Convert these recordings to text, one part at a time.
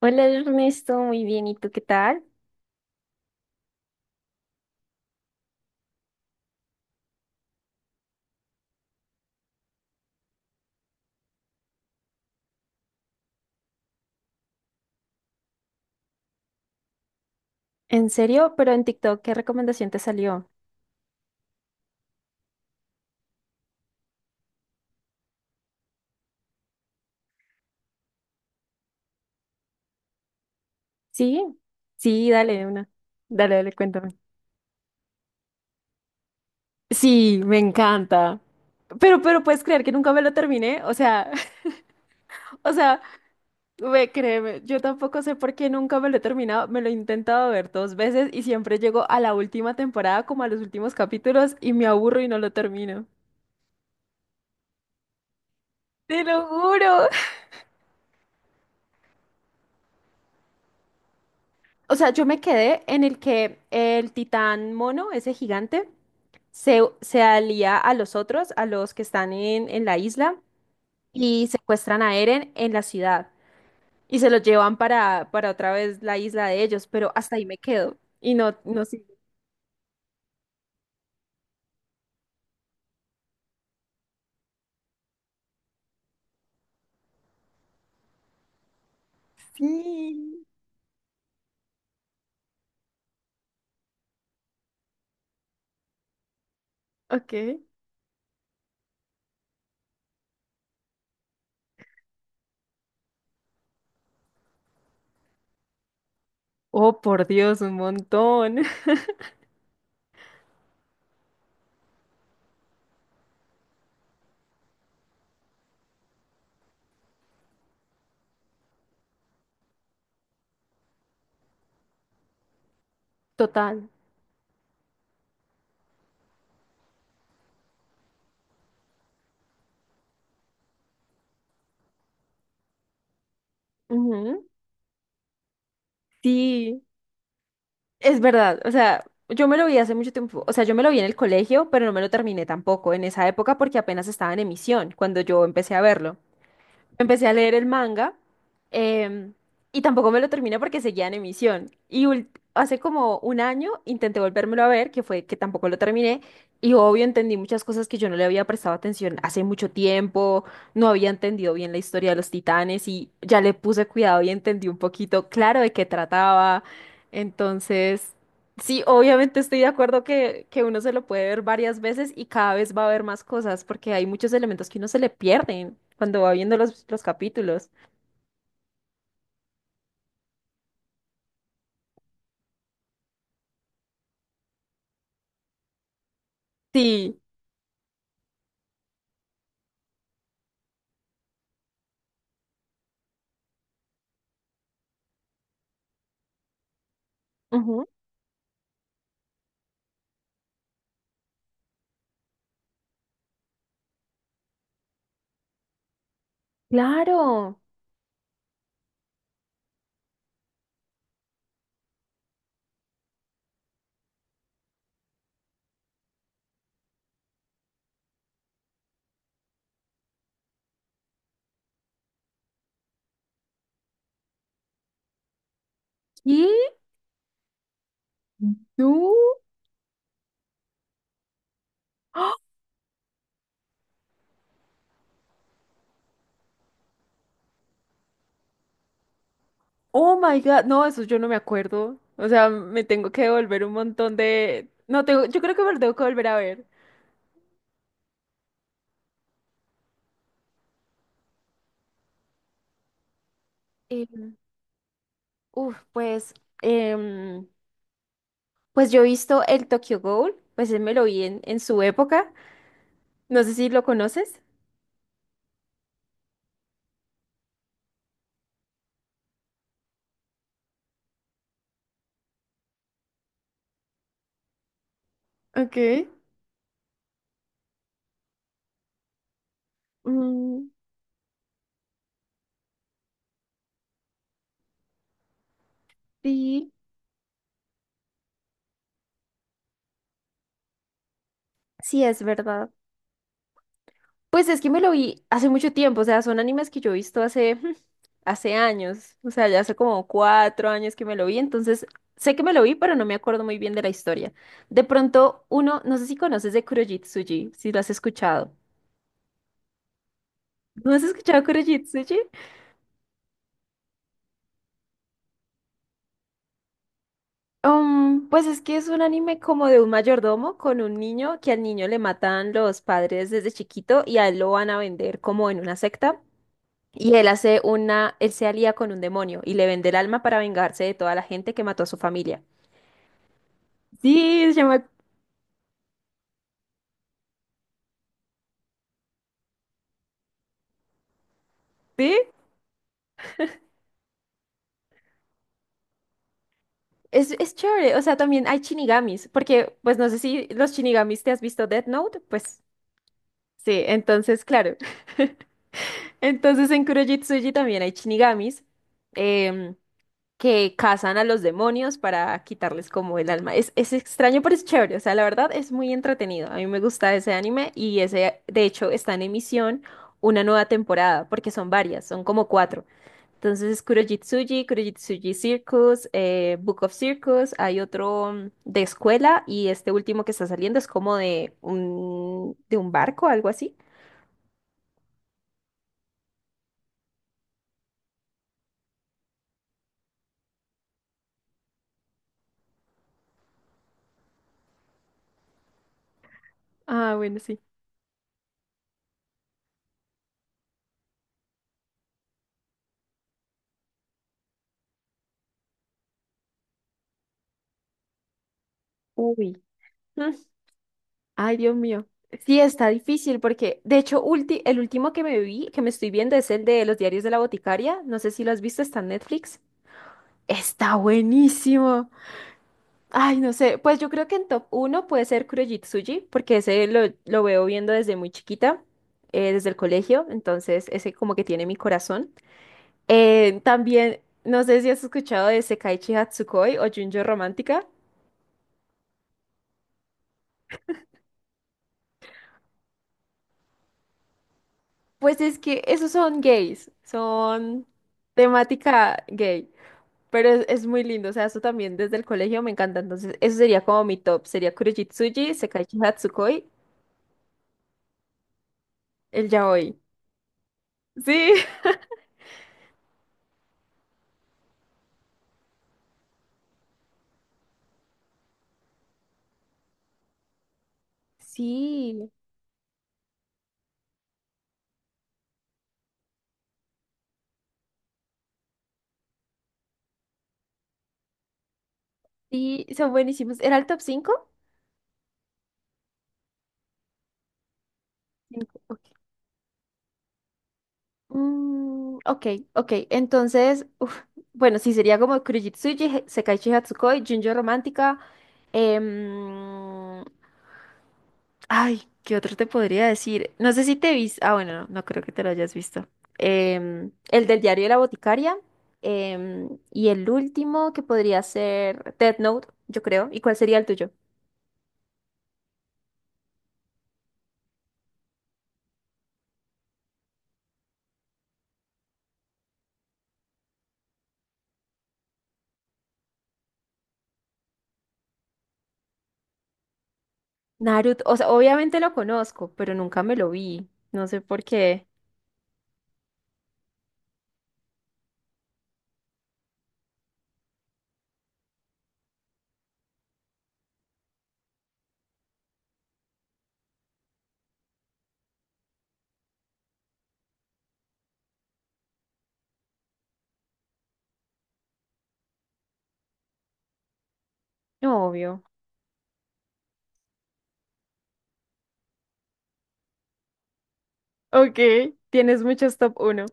Hola Ernesto, muy bien, ¿y tú qué tal? ¿En serio? Pero en TikTok, ¿qué recomendación te salió? Sí, sí, dale una. Dale, dale, cuéntame. Sí, me encanta. Pero puedes creer que nunca me lo terminé, o sea, o sea, ve, créeme, yo tampoco sé por qué nunca me lo he terminado, me lo he intentado ver dos veces y siempre llego a la última temporada, como a los últimos capítulos, y me aburro y no lo termino. Te lo juro. O sea, yo me quedé en el que el titán mono, ese gigante, se alía a los otros, a los que están en la isla, y secuestran a Eren en la ciudad. Y se los llevan para otra vez la isla de ellos, pero hasta ahí me quedo. Y no, no sé. Sí. Ok. Oh, por Dios, un montón. Total. Ujú. Sí. Es verdad, o sea, yo me lo vi hace mucho tiempo, o sea, yo me lo vi en el colegio, pero no me lo terminé tampoco en esa época porque apenas estaba en emisión cuando yo empecé a verlo. Empecé a leer el manga em, y tampoco me lo terminé porque seguía en emisión. Hace como un año intenté volvérmelo a ver, que fue que tampoco lo terminé, y obvio entendí muchas cosas que yo no le había prestado atención hace mucho tiempo, no había entendido bien la historia de los titanes y ya le puse cuidado y entendí un poquito claro de qué trataba. Entonces... Sí, obviamente estoy de acuerdo que uno se lo puede ver varias veces y cada vez va a ver más cosas, porque hay muchos elementos que uno se le pierden cuando va viendo los capítulos. Sí. Ujú. Claro. ¿Y tú? ¡Ah! Oh my God. No, eso yo no me acuerdo. O sea, me tengo que devolver un montón de. No, tengo, yo creo que me lo tengo que volver a ver. Eh, uf, pues, em, pues yo he visto el Tokyo Ghoul, pues él me lo vi en su época. No sé si lo conoces. Ok. Mm, sí, sí es verdad. Pues es que me lo vi hace mucho tiempo, o sea, son animes que yo he visto hace, hace años, o sea, ya hace como cuatro años que me lo vi, entonces sé que me lo vi, pero no me acuerdo muy bien de la historia. De pronto, uno, no sé si conoces de Kurojitsuji, si lo has escuchado. ¿No has escuchado Kurojitsuji? Pues es que es un anime como de un mayordomo con un niño que al niño le matan los padres desde chiquito y a él lo van a vender como en una secta. Y él hace una, él se alía con un demonio y le vende el alma para vengarse de toda la gente que mató a su familia. Sí, se llama... ¿Sí? Es chévere, o sea, también hay shinigamis, porque pues no sé si los shinigamis te has visto Death Note, pues sí, entonces claro. Entonces en Kuroji también hay shinigamis. Que cazan a los demonios para quitarles como el alma. Es extraño, pero es chévere. O sea, la verdad es muy entretenido. A mí me gusta ese anime y ese, de hecho, está en emisión una nueva temporada, porque son varias, son como cuatro. Entonces es Kurojitsuji, Kurojitsuji Circus, Book of Circus, hay otro de escuela y este último que está saliendo es como de un barco, algo así. Ah, bueno, sí. Uy. Ay, Dios mío. Sí, está difícil porque, de hecho, el último que me vi, que me estoy viendo, es el de Los Diarios de la Boticaria. No sé si lo has visto, está en Netflix. Está buenísimo. Ay, no sé. Pues yo creo que en top uno puede ser Kurojitsuji, porque ese lo veo viendo desde muy chiquita, desde el colegio. Entonces, ese como que tiene mi corazón. También, no sé si has escuchado de Sekaiichi Hatsukoi o Junjo Romántica. Pues es que esos son gays, son temática gay. Pero es muy lindo, o sea, eso también desde el colegio me encanta. Entonces, eso sería como mi top. Sería Kurojitsuji, Sekaiichi Hatsukoi, el Yaoi. Sí. Sí, sí, son buenísimos. ¿Era el top 5? Cinco, ok. Ok, ok. Entonces, uf, bueno, sí, sería como Kurojitsuji, Sekaiichi Hatsukoi, Junjo Romántica. Ay, ¿qué otro te podría decir? No sé si te viste. Ah, bueno, no, no creo que te lo hayas visto. El del diario de la boticaria. Y el último que podría ser Death Note, yo creo. ¿Y cuál sería el tuyo? Naruto. O sea, obviamente lo conozco, pero nunca me lo vi. No sé por qué. No, obvio. Ok, tienes muchos top uno.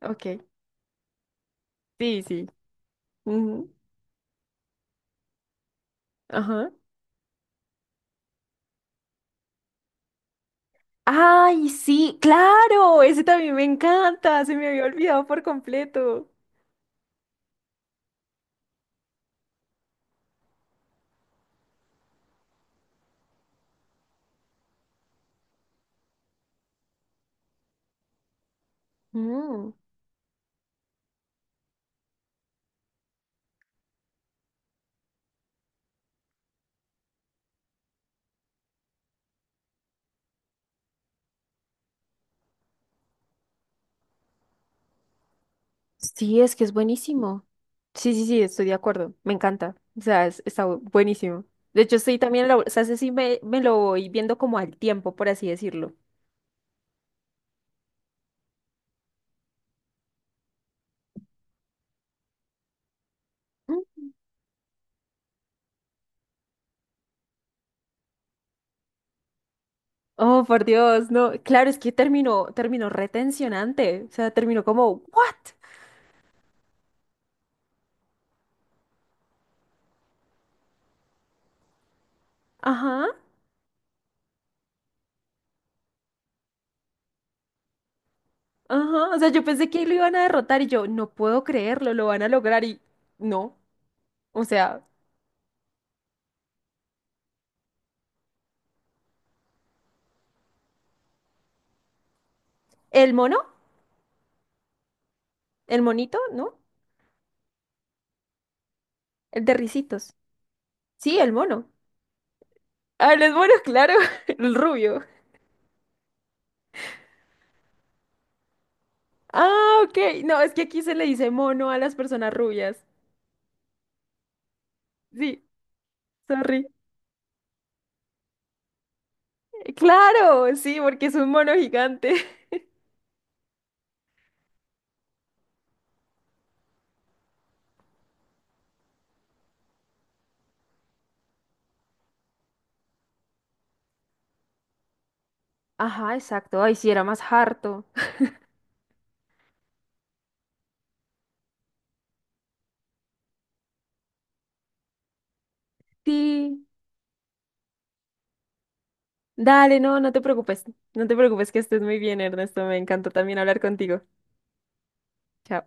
Ok, sí, sí. Ujú. Ajá. Ay, sí, claro, ese también me encanta. Se me había olvidado por completo. Mm. Sí, es que es buenísimo. Sí, sí, sí, estoy de acuerdo. Me encanta. O sea, está buenísimo. De hecho, estoy también, lo, o sea, ese sí me lo voy viendo como al tiempo, por así decirlo. Mm. Oh, por Dios, no. Claro, es que terminó, terminó retencionante. O sea, terminó como, ¿what? Ajá, ajá. O sea, yo pensé que lo iban a derrotar y yo, no puedo creerlo, lo van a lograr y no. O sea, el mono, el monito, ¿no? El de risitos. Sí, el mono. Ah, el mono, claro, el rubio. Ah, ok. No, es que aquí se le dice mono a las personas rubias. Sí, sorry. Claro, sí, porque es un mono gigante. Ajá, exacto. Ay, sí, era más harto. Sí. Dale, no, no te preocupes. No te preocupes que estés muy bien, Ernesto. Me encantó también hablar contigo. Chao.